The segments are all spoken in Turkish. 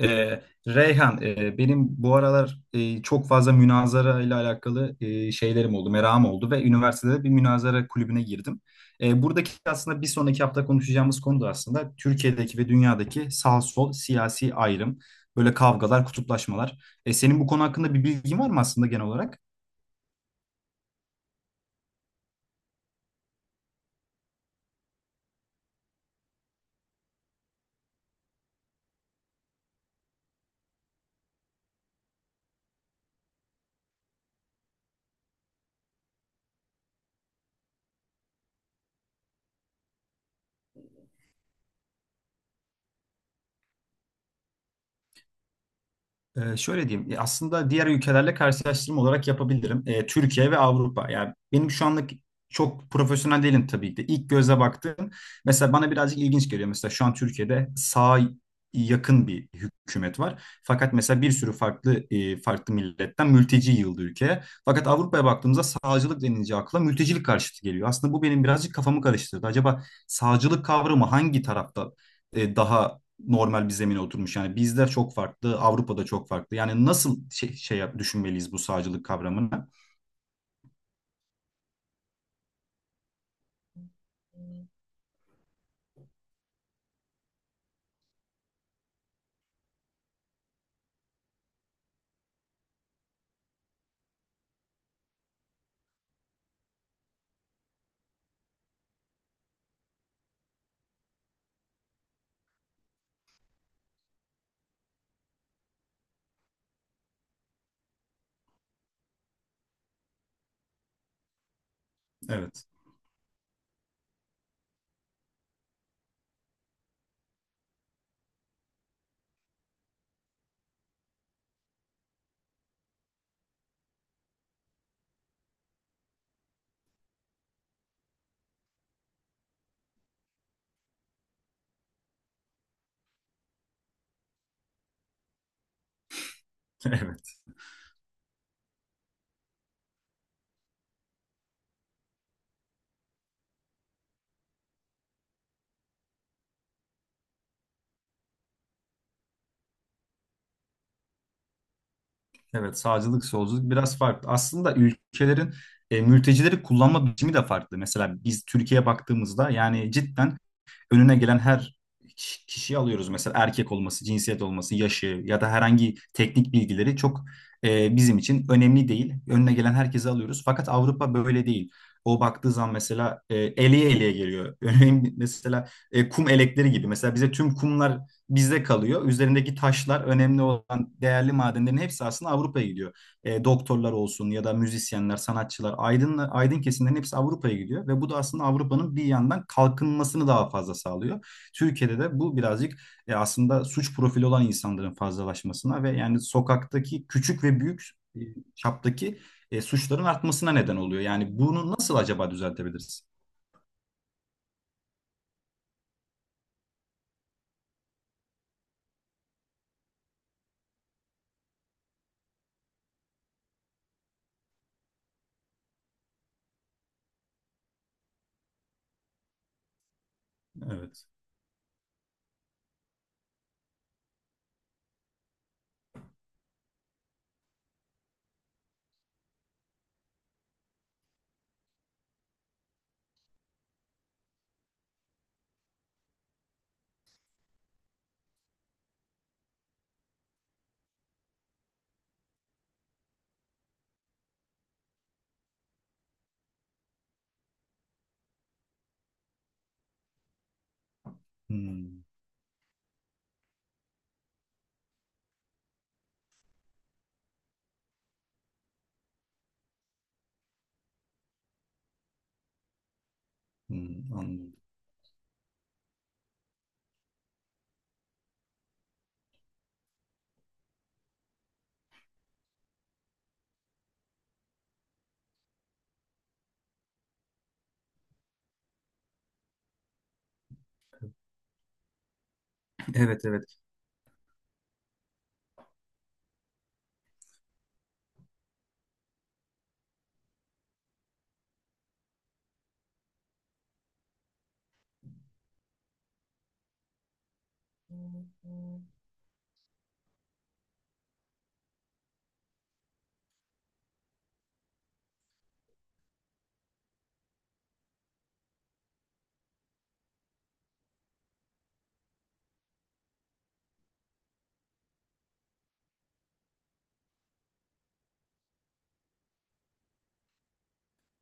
Ee, Reyhan, benim bu aralar çok fazla münazara ile alakalı şeylerim oldu, merakım oldu ve üniversitede bir münazara kulübüne girdim. Buradaki aslında bir sonraki hafta konuşacağımız konu da aslında Türkiye'deki ve dünyadaki sağ sol siyasi ayrım, böyle kavgalar, kutuplaşmalar. Senin bu konu hakkında bir bilgin var mı aslında genel olarak? Şöyle diyeyim, aslında diğer ülkelerle karşılaştırma olarak yapabilirim. Türkiye ve Avrupa. Yani benim şu anlık çok profesyonel değilim tabii ki de. İlk göze baktığım, mesela bana birazcık ilginç geliyor. Mesela şu an Türkiye'de sağa yakın bir hükümet var. Fakat mesela bir sürü farklı milletten mülteci yığıldı ülkeye. Fakat Avrupa'ya baktığımızda sağcılık denince akla mültecilik karşıtı geliyor. Aslında bu benim birazcık kafamı karıştırdı. Acaba sağcılık kavramı hangi tarafta daha normal bir zemine oturmuş? Yani bizde çok farklı, Avrupa'da çok farklı. Yani nasıl şey düşünmeliyiz bu sağcılık kavramını? Evet. Evet. Evet, sağcılık, solculuk biraz farklı. Aslında ülkelerin mültecileri kullanma biçimi de farklı. Mesela biz Türkiye'ye baktığımızda yani cidden önüne gelen her kişiyi alıyoruz. Mesela erkek olması, cinsiyet olması, yaşı ya da herhangi teknik bilgileri çok bizim için önemli değil. Önüne gelen herkesi alıyoruz. Fakat Avrupa böyle değil. O baktığı zaman mesela eleye eleye geliyor. Örneğin mesela kum elekleri gibi. Mesela bize tüm kumlar bizde kalıyor. Üzerindeki taşlar, önemli olan değerli madenlerin hepsi aslında Avrupa'ya gidiyor, doktorlar olsun ya da müzisyenler, sanatçılar, aydın, aydın kesimlerin hepsi Avrupa'ya gidiyor ve bu da aslında Avrupa'nın bir yandan kalkınmasını daha fazla sağlıyor. Türkiye'de de bu birazcık aslında suç profili olan insanların fazlalaşmasına ve yani sokaktaki küçük ve büyük e, çaptaki suçların artmasına neden oluyor. Yani bunu nasıl acaba düzeltebiliriz? Evet. Hmm, hmm, anladım. Evet, evet.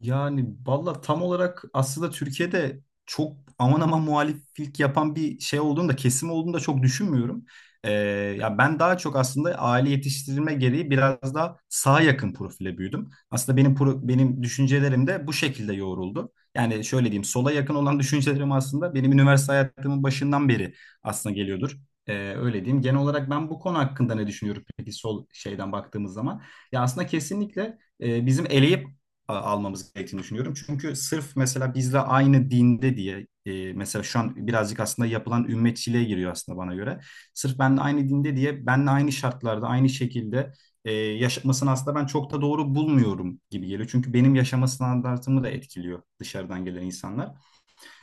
Yani valla tam olarak aslında Türkiye'de çok aman aman muhaliflik yapan bir şey olduğunu da kesim olduğunu da çok düşünmüyorum. Ee, ya ben daha çok aslında aile yetiştirilme gereği biraz daha sağa yakın profile büyüdüm. Aslında benim düşüncelerim de bu şekilde yoğruldu. Yani şöyle diyeyim, sola yakın olan düşüncelerim aslında benim üniversite hayatımın başından beri aslında geliyordur. Öyle diyeyim. Genel olarak ben bu konu hakkında ne düşünüyorum peki sol şeyden baktığımız zaman? Ya aslında kesinlikle bizim eleyip almamız gerektiğini düşünüyorum. Çünkü sırf mesela bizle aynı dinde diye, mesela şu an birazcık aslında yapılan ümmetçiliğe giriyor aslında bana göre. Sırf benle aynı dinde diye benle aynı şartlarda aynı şekilde yaşatmasını aslında ben çok da doğru bulmuyorum gibi geliyor. Çünkü benim yaşama standartımı da etkiliyor dışarıdan gelen insanlar.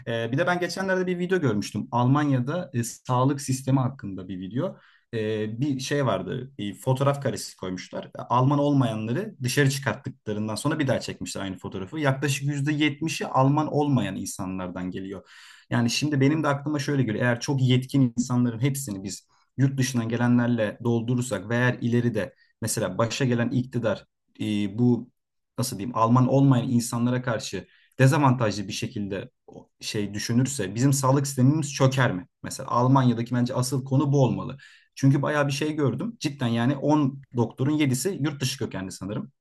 Bir de ben geçenlerde bir video görmüştüm. Almanya'da sağlık sistemi hakkında bir video. Bir şey vardı, bir fotoğraf karesi koymuşlar. Alman olmayanları dışarı çıkarttıklarından sonra bir daha çekmişler aynı fotoğrafı. Yaklaşık %70'i Alman olmayan insanlardan geliyor. Yani şimdi benim de aklıma şöyle geliyor. Eğer çok yetkin insanların hepsini biz yurt dışından gelenlerle doldurursak ve eğer ileride mesela başa gelen iktidar, bu nasıl diyeyim, Alman olmayan insanlara karşı dezavantajlı bir şekilde şey düşünürse bizim sağlık sistemimiz çöker mi? Mesela Almanya'daki bence asıl konu bu olmalı. Çünkü bayağı bir şey gördüm. Cidden yani 10 doktorun 7'si yurt dışı kökenli sanırım.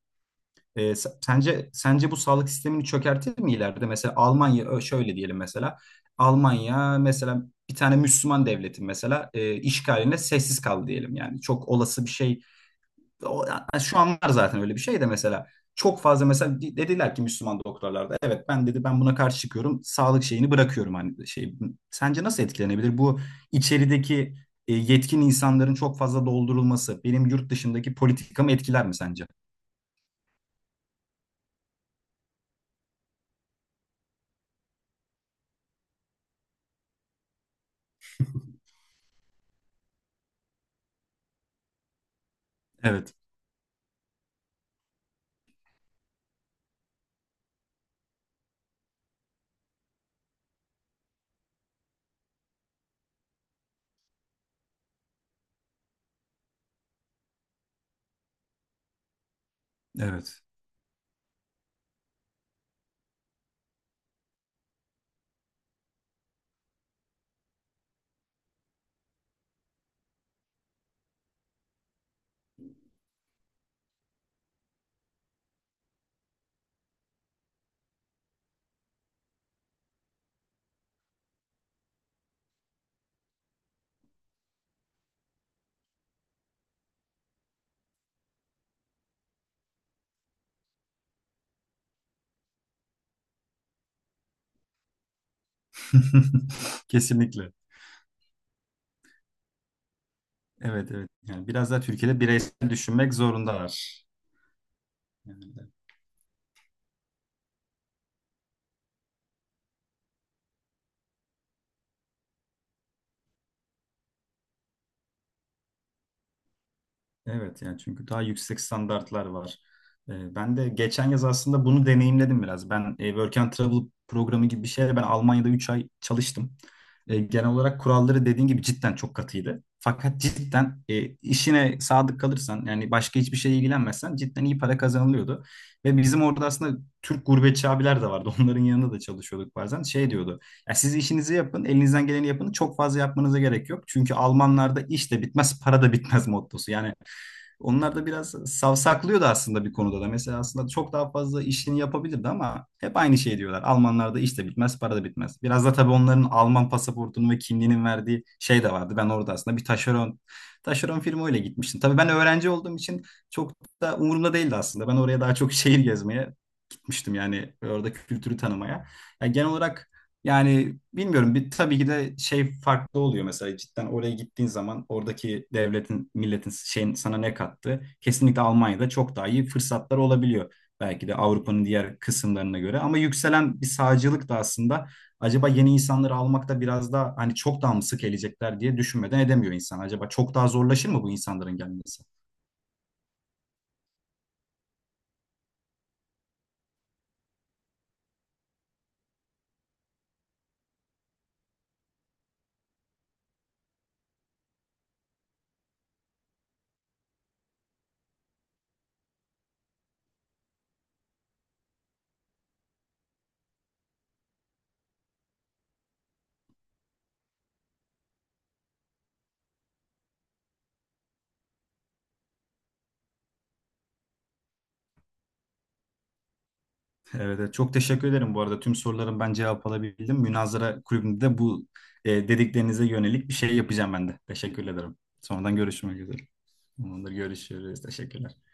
Ee, sence bu sağlık sistemini çökertir mi ileride? Mesela Almanya şöyle diyelim mesela. Almanya mesela bir tane Müslüman devletin mesela işgaline sessiz kaldı diyelim yani. Çok olası bir şey, o, yani şu an var zaten öyle bir şey de, mesela çok fazla mesela dediler ki Müslüman doktorlarda, evet ben dedi, ben buna karşı çıkıyorum, sağlık şeyini bırakıyorum hani şey, sence nasıl etkilenebilir bu içerideki yetkin insanların çok fazla doldurulması benim yurt dışındaki politikamı etkiler mi sence? Evet, evet. Kesinlikle. Evet, evet. Yani biraz daha Türkiye'de bireysel düşünmek zorundalar. Yani evet, yani çünkü daha yüksek standartlar var. Ben de geçen yaz aslında bunu deneyimledim biraz. Ben Work and Travel programı gibi bir şeyle ben Almanya'da 3 ay çalıştım. Genel olarak kuralları dediğin gibi cidden çok katıydı. Fakat cidden işine sadık kalırsan yani başka hiçbir şeye ilgilenmezsen cidden iyi para kazanılıyordu. Ve bizim orada aslında Türk gurbetçi abiler de vardı. Onların yanında da çalışıyorduk bazen. Şey diyordu. Ya siz işinizi yapın, elinizden geleni yapın. Çok fazla yapmanıza gerek yok. Çünkü Almanlarda iş de bitmez, para da bitmez mottosu. Yani onlar da biraz savsaklıyordu aslında bir konuda da. Mesela aslında çok daha fazla işini yapabilirdi ama hep aynı şey diyorlar. Almanlarda iş de bitmez, para da bitmez. Biraz da tabii onların Alman pasaportunun ve kimliğinin verdiği şey de vardı. Ben orada aslında bir taşeron firma öyle gitmiştim. Tabii ben öğrenci olduğum için çok da umurumda değildi aslında. Ben oraya daha çok şehir gezmeye gitmiştim, yani orada kültürü tanımaya. Yani genel olarak yani bilmiyorum, bir tabii ki de şey farklı oluyor mesela, cidden oraya gittiğin zaman oradaki devletin, milletin şeyin sana ne kattı? Kesinlikle Almanya'da çok daha iyi fırsatlar olabiliyor. Belki de Avrupa'nın diğer kısımlarına göre, ama yükselen bir sağcılık da aslında, acaba yeni insanları almakta biraz daha hani çok daha mı sık gelecekler diye düşünmeden edemiyor insan. Acaba çok daha zorlaşır mı bu insanların gelmesi? Evet, evet. Çok teşekkür ederim bu arada. Tüm soruların ben cevap alabildim. Münazara kulübünde de bu dediklerinize yönelik bir şey yapacağım ben de. Teşekkür ederim. Sonradan görüşmek üzere. Ondan görüşürüz. Teşekkürler.